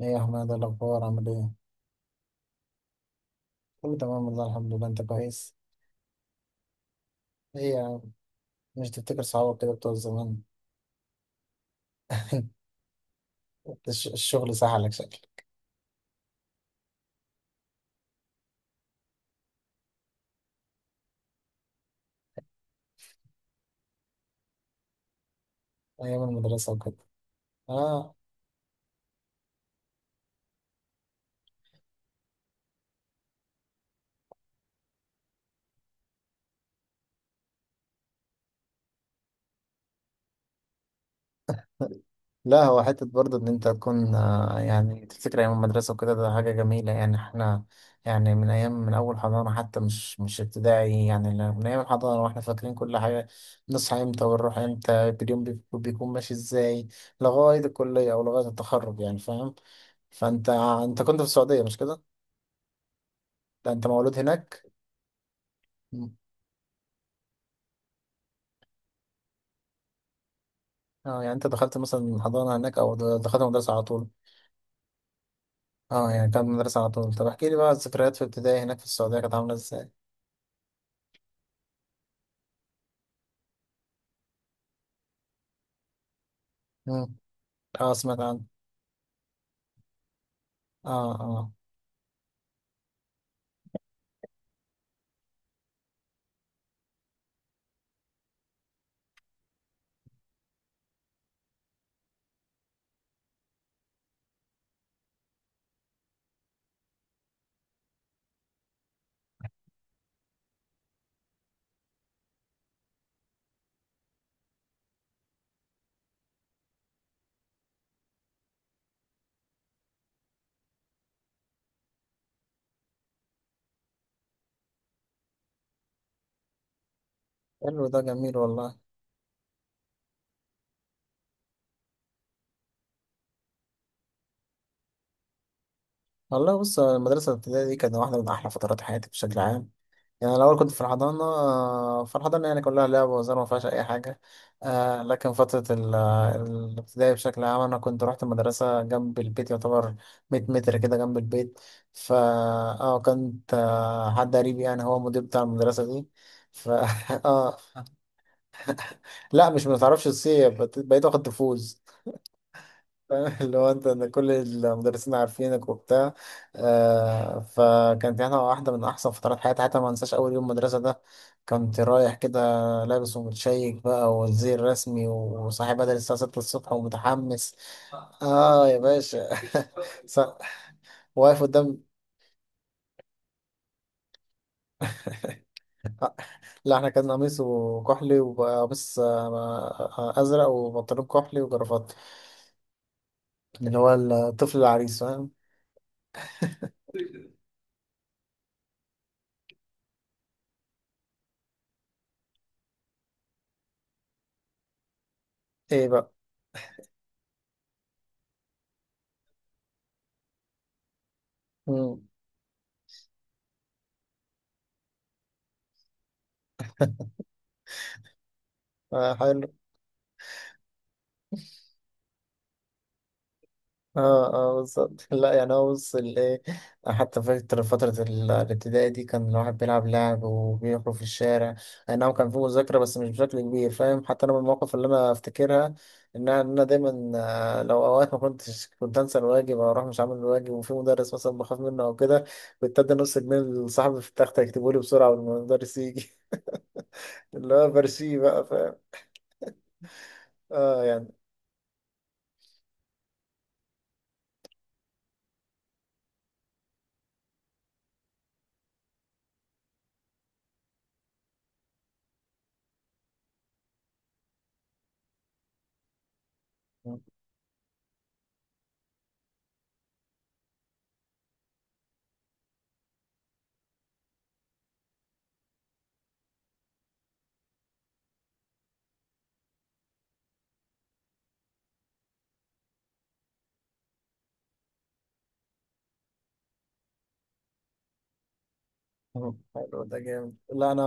ايه يا حماد، إيه الاخبار؟ عامل ايه؟ كله تمام والله، الحمد لله. انت كويس؟ ايه يا عم، مش تفتكر صحابك كده بتوع زمان؟ الشغل سهلك شكل. ايام المدرسه وكده. اه، لا هو حتة برضه إن أنت تكون يعني تفتكر أيام المدرسة وكده، ده حاجة جميلة. يعني إحنا يعني من أيام، من أول حضانة، حتى مش ابتدائي يعني، من أيام الحضانة وإحنا فاكرين كل حاجة. بنصحى إمتى ونروح إمتى، اليوم بيكون ماشي إزاي لغاية الكلية أو لغاية التخرج، يعني فاهم. فأنت، أنت كنت في السعودية مش كده؟ لا أنت مولود هناك؟ مم. أه، يعني أنت دخلت مثلا حضانة هناك أو دخلت مدرسة على طول؟ أه، يعني كانت مدرسة على طول. طب احكي لي بقى الذكريات في ابتدائي هناك في السعودية كانت عاملة إزاي؟ اه، سمعت عنه. اه اه. حلو، ده جميل والله. والله بص، المدرسة الابتدائية دي كانت واحدة من أحلى فترات حياتي بشكل عام. يعني الأول كنت في الحضانة، فالحضانة يعني كلها لعب وهزار، ما فيهاش أي حاجة. آه، لكن فترة الابتدائي بشكل عام، أنا كنت رحت المدرسة جنب البيت يعتبر، 100 متر كده جنب البيت. فا اه، كنت حد قريب يعني، هو مدير بتاع المدرسة دي. ف اه، لا مش متعرفش تصيب، بقيت واخد تفوز. اللي هو انت ان كل المدرسين عارفينك وبتاع. آه، فكانت هنا واحده من احسن فترات حياتي. حتى ما انساش اول يوم مدرسه ده، كنت رايح كده لابس ومتشيك بقى والزي الرسمي، وصاحي بدري الساعه 6 الصبح، ومتحمس. اه يا باشا. ص- واقف قدام. آه، لا احنا كان قميصه كحلي، وقميص ازرق، وبنطلون كحلي، وجرافات، اللي هو الطفل العريس فاهم. ايه بقى. امم. اه اه بالظبط. لا يعني هو بص الايه، حتى فاكر فترة الابتدائي دي كان الواحد بيلعب لعب وبيخرج في الشارع. اي نعم كان في مذاكرة بس مش بشكل كبير، فاهم. حتى انا من المواقف اللي انا افتكرها ان انا إن أنا دايما، لو اوقات ما كنتش، كنت انسى الواجب او اروح مش عامل الواجب، وفي مدرس مثلا بخاف منه او كده، كنت ادي نص جنيه لصاحبي في التخت يكتبه لي بسرعة والمدرس يجي. اللي هو برشيه بقى، فاهم. اه يعني. مم. حلو، ده جامد. لا انا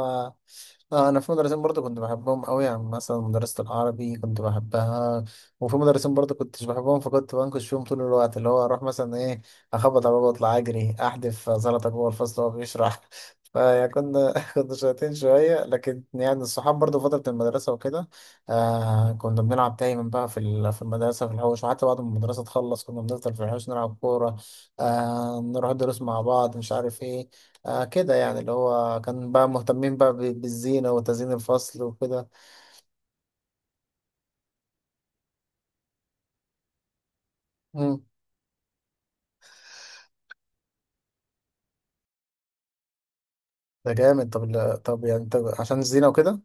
انا في مدرسين برضو كنت بحبهم قوي، يعني مثلا مدرسة العربي كنت بحبها. وفي مدرسين برضو كنتش بحبهم، فكنت بنكش فيهم طول الوقت، اللي هو اروح مثلا ايه، اخبط على بابا، اطلع اجري، احدف زلطه جوه الفصل وهو بيشرح. فيعني كنا كنا شاطرين شويه. لكن يعني الصحاب برضو فتره المدرسه وكده، آه كنا بنلعب دايما بقى في في المدرسه في الحوش، وحتى بعد ما المدرسه تخلص كنا بنفضل في الحوش نلعب كوره. آه، نروح دروس مع بعض، مش عارف ايه. آه كده يعني، اللي هو كان بقى مهتمين بقى بالزينة وتزيين الفصل وكده. مم. ده جامد. طب لا- طب يعني طب عشان الزينة وكده.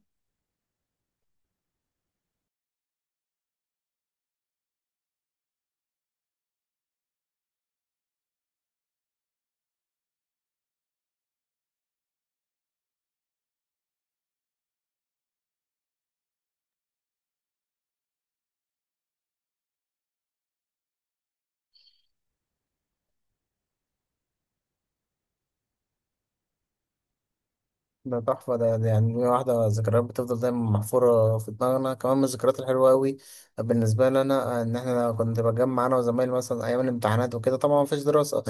ده تحفة، ده يعني، دي واحدة ذكريات بتفضل دايما محفورة في دماغنا، كمان من الذكريات الحلوة أوي بالنسبة لنا. إن إحنا كنت بجمع أنا وزمايلي مثلا أيام الامتحانات وكده، طبعا مفيش دراسة،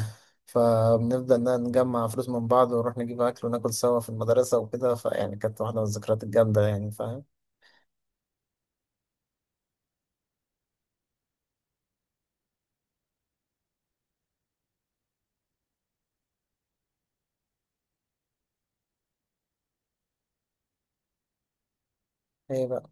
فبنفضل نجمع فلوس من بعض ونروح نجيب أكل وناكل سوا في المدرسة وكده. فيعني كانت واحدة من الذكريات الجامدة يعني، فاهم. إيه بقى.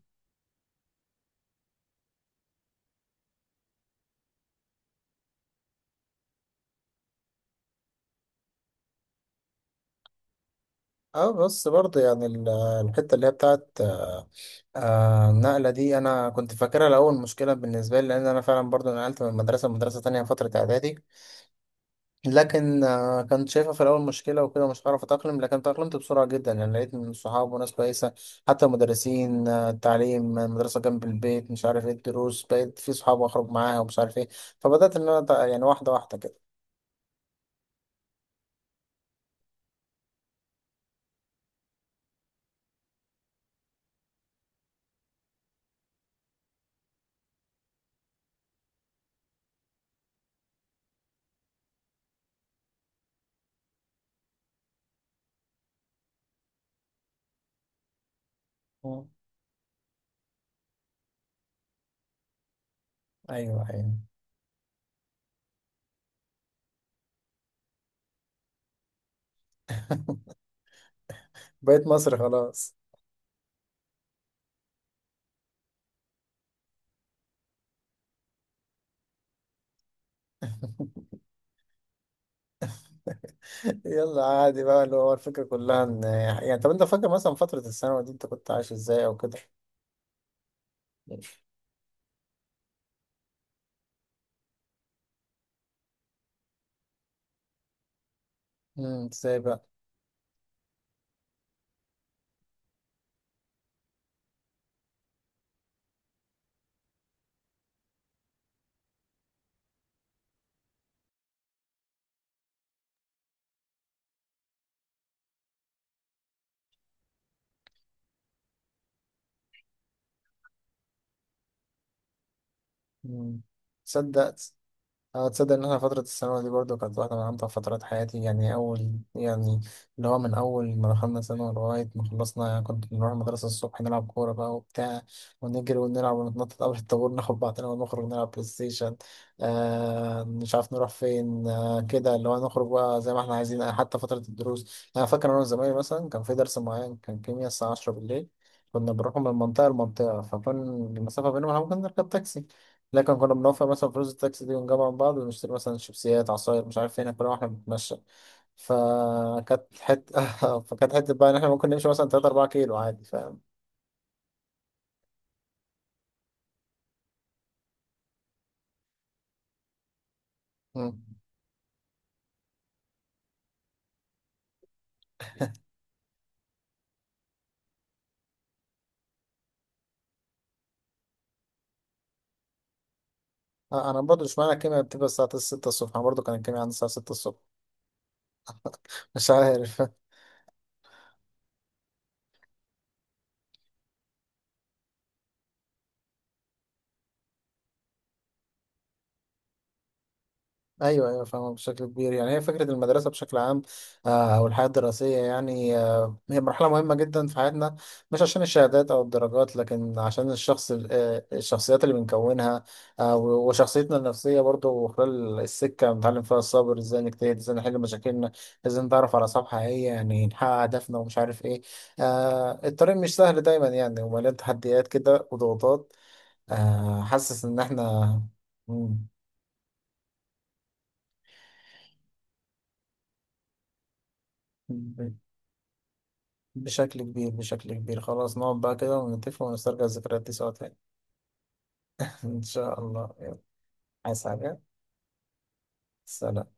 اه بس برضه يعني الحتة اللي هي بتاعت النقلة دي أنا كنت فاكرها الأول مشكلة بالنسبة لي، لأن أنا فعلا برضه نقلت من مدرسة لمدرسة تانية فترة إعدادي. لكن كنت شايفها في الأول مشكلة وكده، مش هعرف أتأقلم، لكن تأقلمت بسرعة جدا يعني، لقيت من صحاب وناس كويسة. حتى مدرسين، التعليم، المدرسة جنب البيت، مش عارف إيه، الدروس بقيت في صحاب أخرج معاها ومش عارف إيه. فبدأت إن أنا يعني واحدة واحدة كده. مم. أيوه أيوه. بقيت مصري خلاص. يلا عادي بقى، اللي هو الفكرة كلها ان يعني، طب انت فاكر مثلا فترة الثانوي دي انت كنت عايش ازاي او كده؟ امم، ازاي بقى؟ امم. تصدق، اه تصدق ان انا فترة الثانوي دي برضو كانت واحدة من امتع فترات حياتي يعني. اول يعني، اللي هو من اول ما دخلنا ثانوي لغاية ما خلصنا يعني، كنت بنروح المدرسة الصبح، نلعب كورة بقى وبتاع، ونجري ونلعب ونتنطط قبل الطابور، ناخد بعضنا ونخرج نلعب بلاي ستيشن. آه مش عارف نروح فين، آه كده، اللي هو نخرج بقى زي ما احنا عايزين. حتى فترة الدروس انا فاكر انا وزمايلي مثلا، كان في درس معين كان كيمياء الساعة 10 بالليل، كنا بنروح من منطقة لمنطقة، فكان المسافة بينهم ممكن نركب تاكسي، لكن كنا بنوفر مثلا فلوس التاكسي دي ونجمع من بعض ونشتري مثلا شيبسيات، عصاير، مش عارف ايه، ناكلها واحنا بنتمشى. فكانت حتة فكانت حتة بقى ان احنا ممكن نمشي مثلا 3 4 كيلو عادي، فاهم. مم. انا برضو مش معنى الكيمياء بتبقى الساعة 6 الصبح، انا برضو كان الكيمياء عندي الساعة 6 الصبح. مش عارف. ايوه ايوه فاهمة. بشكل كبير يعني، هي فكره المدرسه بشكل عام او الحياه الدراسيه يعني، هي مرحله مهمه جدا في حياتنا، مش عشان الشهادات او الدرجات، لكن عشان الشخصيات اللي بنكونها، وشخصيتنا النفسيه برضو، خلال السكه بنتعلم فيها الصبر، ازاي نجتهد، ازاي نحل مشاكلنا، ازاي نتعرف على اصحاب حقيقيه يعني، نحقق هدفنا ومش عارف ايه. الطريق مش سهل دايما يعني، ومليان تحديات كده وضغوطات. حاسس ان احنا. مم. بشكل كبير، بشكل كبير. خلاص نقعد بقى كده ونتفق ونسترجع الذكريات دي سوا تاني. إن شاء الله، يلا. عايز حاجة. سلام.